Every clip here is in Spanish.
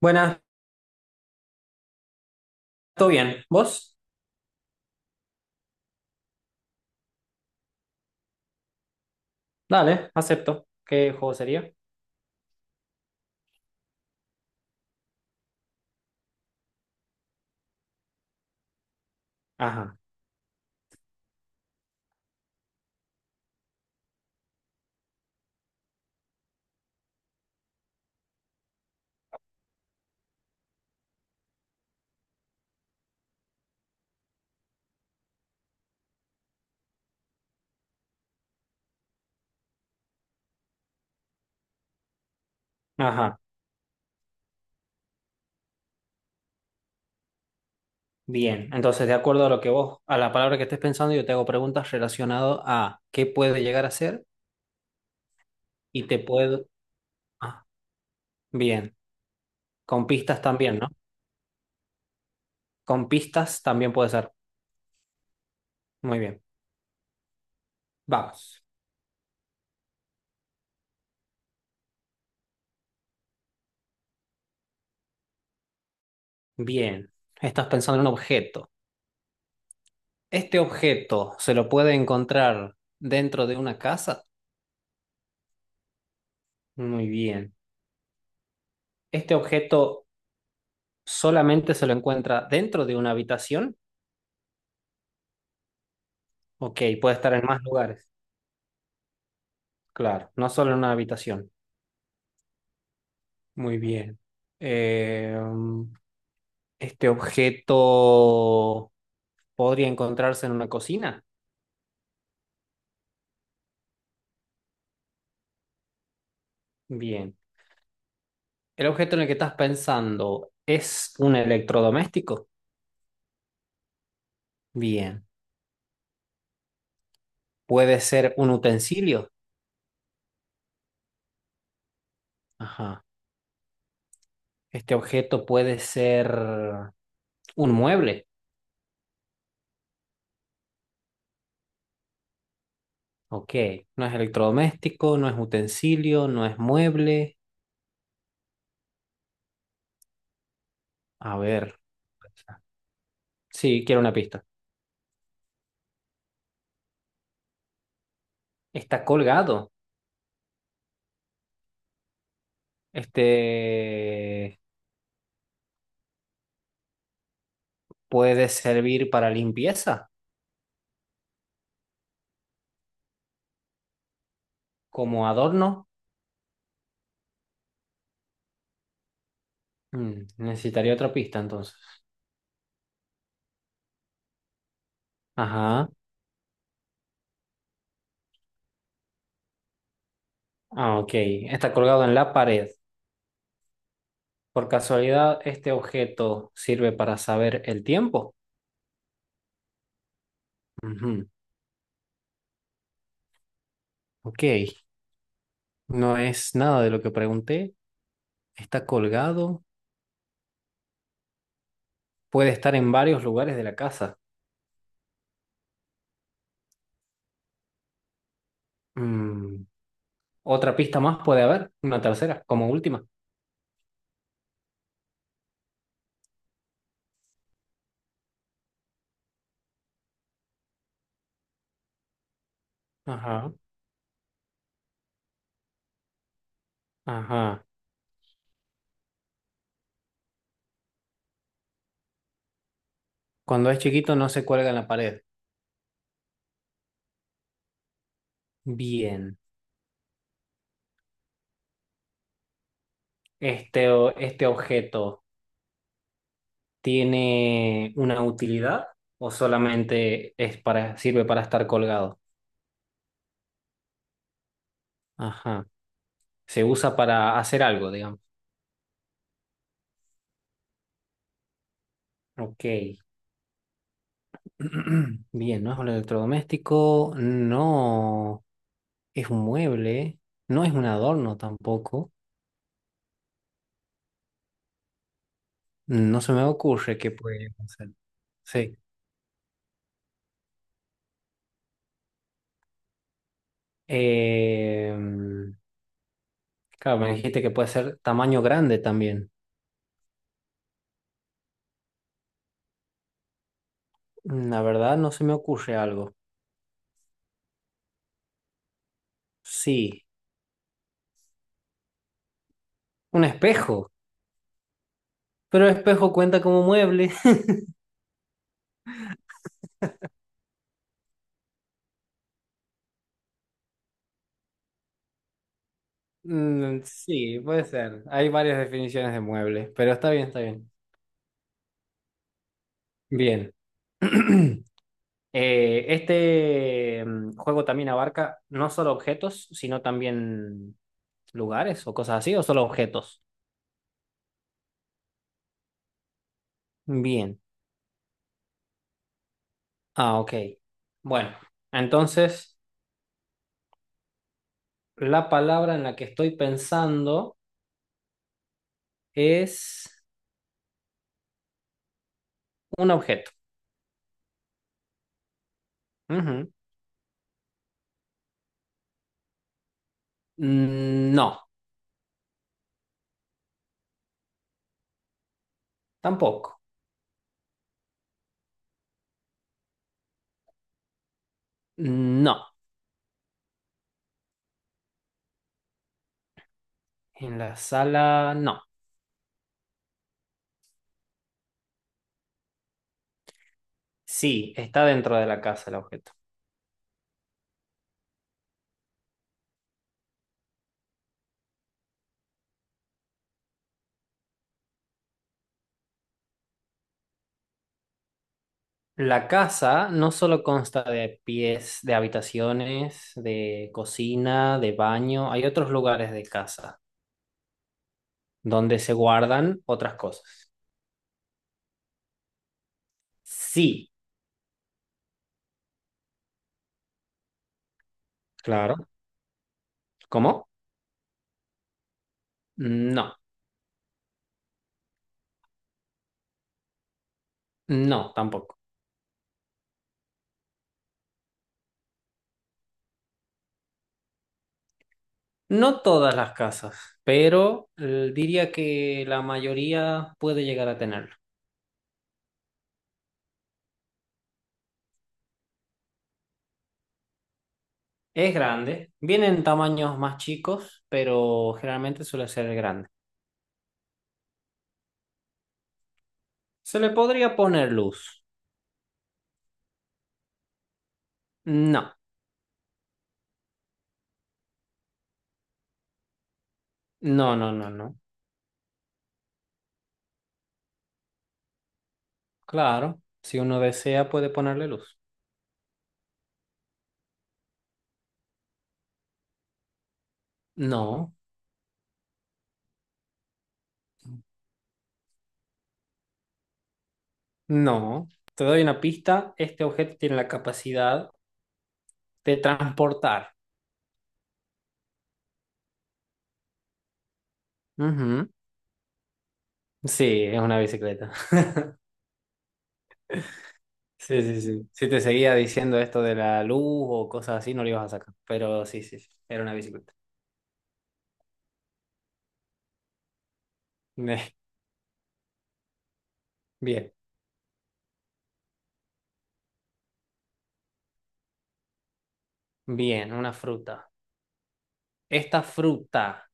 Buenas, ¿todo bien? ¿Vos? Dale, acepto. ¿Qué juego sería? Ajá, ajá, bien. Entonces, de acuerdo a lo que vos, a la palabra que estés pensando, yo te hago preguntas relacionadas a qué puede llegar a ser y te puedo... Ah, bien. Con pistas también, ¿no? Con pistas también puede ser. Muy bien. Vamos. Bien. Estás pensando en un objeto. ¿Este objeto se lo puede encontrar dentro de una casa? Muy bien. ¿Este objeto solamente se lo encuentra dentro de una habitación? Ok, puede estar en más lugares. Claro, no solo en una habitación. Muy bien. Eh, mm, este objeto podría encontrarse en una cocina. Bien. El objeto en el que estás pensando es un electrodoméstico. Bien. Puede ser un utensilio. Ajá. Este objeto puede ser un mueble. Ok. No es electrodoméstico, no es utensilio, no es mueble. A ver. Sí, quiero una pista. Está colgado. Este puede servir para limpieza, como adorno. Necesitaría otra pista entonces. Ajá. Ah, ok. Está colgado en la pared. Por casualidad, este objeto sirve para saber el tiempo. Ujú. Ok. No es nada de lo que pregunté. Está colgado. Puede estar en varios lugares de la casa. Mm. Otra pista más puede haber. Una tercera, como última. Ajá. Ajá. Cuando es chiquito no se cuelga en la pared. Bien. Este, este objeto tiene una utilidad o solamente es para, ¿sirve para estar colgado? Ajá. Se usa para hacer algo, digamos. Ok. Bien, no es un electrodoméstico, no es un mueble, no es un adorno tampoco. No se me ocurre qué puede ser. Sí. Eh, claro, me dijiste que puede ser tamaño grande también. La verdad no se me ocurre algo. Sí, un espejo, pero espejo cuenta como mueble. Mm, sí, puede ser. Hay varias definiciones de mueble, pero está bien, está bien. Bien. Juego también abarca no solo objetos, sino también lugares o cosas así, o solo objetos. Bien. Ah, ok. Bueno, entonces la palabra en la que estoy pensando es un objeto. Ujú. Mm, no, tampoco. No, en la sala no. Sí, está dentro de la casa el objeto. La casa no solo consta de pies, de habitaciones, de cocina, de baño, hay otros lugares de casa donde se guardan otras cosas. Sí, claro. ¿Cómo? No, no, tampoco. No todas las casas, pero diría que la mayoría puede llegar a tenerlo. Es grande, viene en tamaños más chicos, pero generalmente suele ser grande. ¿Se le podría poner luz? No, no, no, no, no. Claro, si uno desea puede ponerle luz. No, no. Te doy una pista, este objeto tiene la capacidad de transportar. Ujú. Sí, es una bicicleta. Sí, sí, sí. Si te seguía diciendo esto de la luz o cosas así, no lo ibas a sacar. Pero sí, sí, sí, era una bicicleta. Bien, bien, una fruta. Esta fruta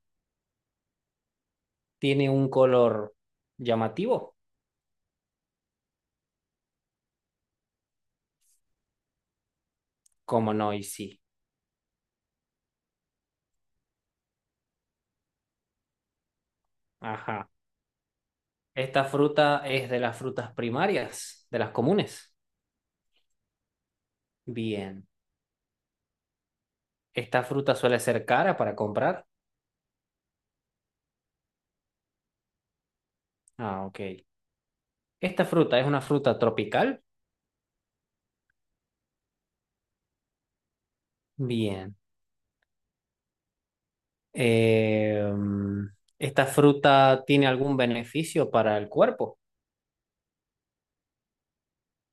tiene un color llamativo, como no y sí. Ajá. Esta fruta es de las frutas primarias, de las comunes. Bien. Esta fruta suele ser cara para comprar. Ah, ok. Esta fruta es una fruta tropical. Bien. Eh, Esta fruta tiene algún beneficio para el cuerpo.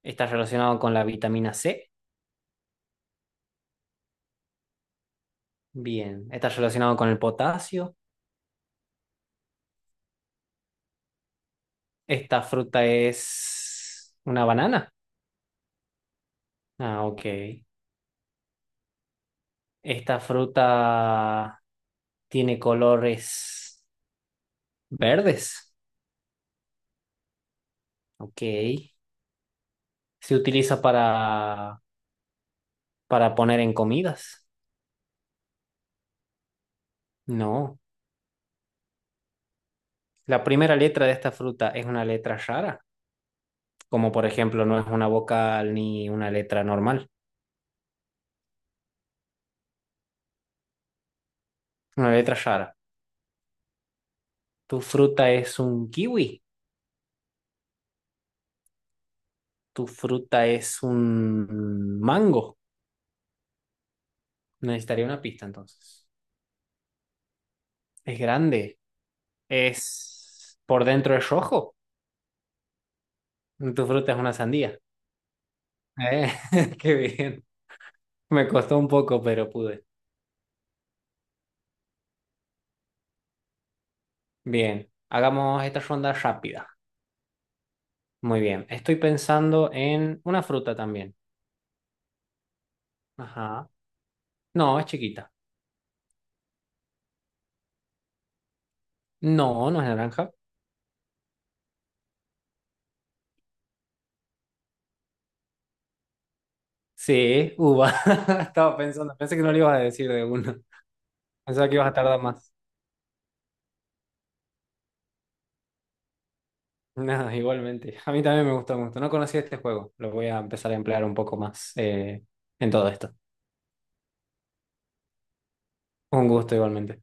Está relacionado con la vitamina C. Bien. Está relacionado con el potasio. Esta fruta es una banana. Ah, ok. Esta fruta tiene colores verdes. Ok. ¿Se utiliza para poner en comidas? No. La primera letra de esta fruta es una letra rara, como por ejemplo no es una vocal ni una letra normal, una letra rara. Tu fruta es un kiwi, tu fruta es un mango. Necesitaría una pista entonces. Es grande, es por dentro es rojo. Tu fruta es una sandía. Eh, Qué bien. Me costó un poco, pero pude. Bien, hagamos esta ronda rápida. Muy bien. Estoy pensando en una fruta también. Ajá. No, es chiquita. No, no es naranja. Sí, uva. Estaba pensando, pensé que no le ibas a decir de una. Pensaba que ibas a tardar más. Nada, igualmente. A mí también me gustó mucho. No conocía este juego. Lo voy a empezar a emplear un poco más en todo esto. Un gusto igualmente.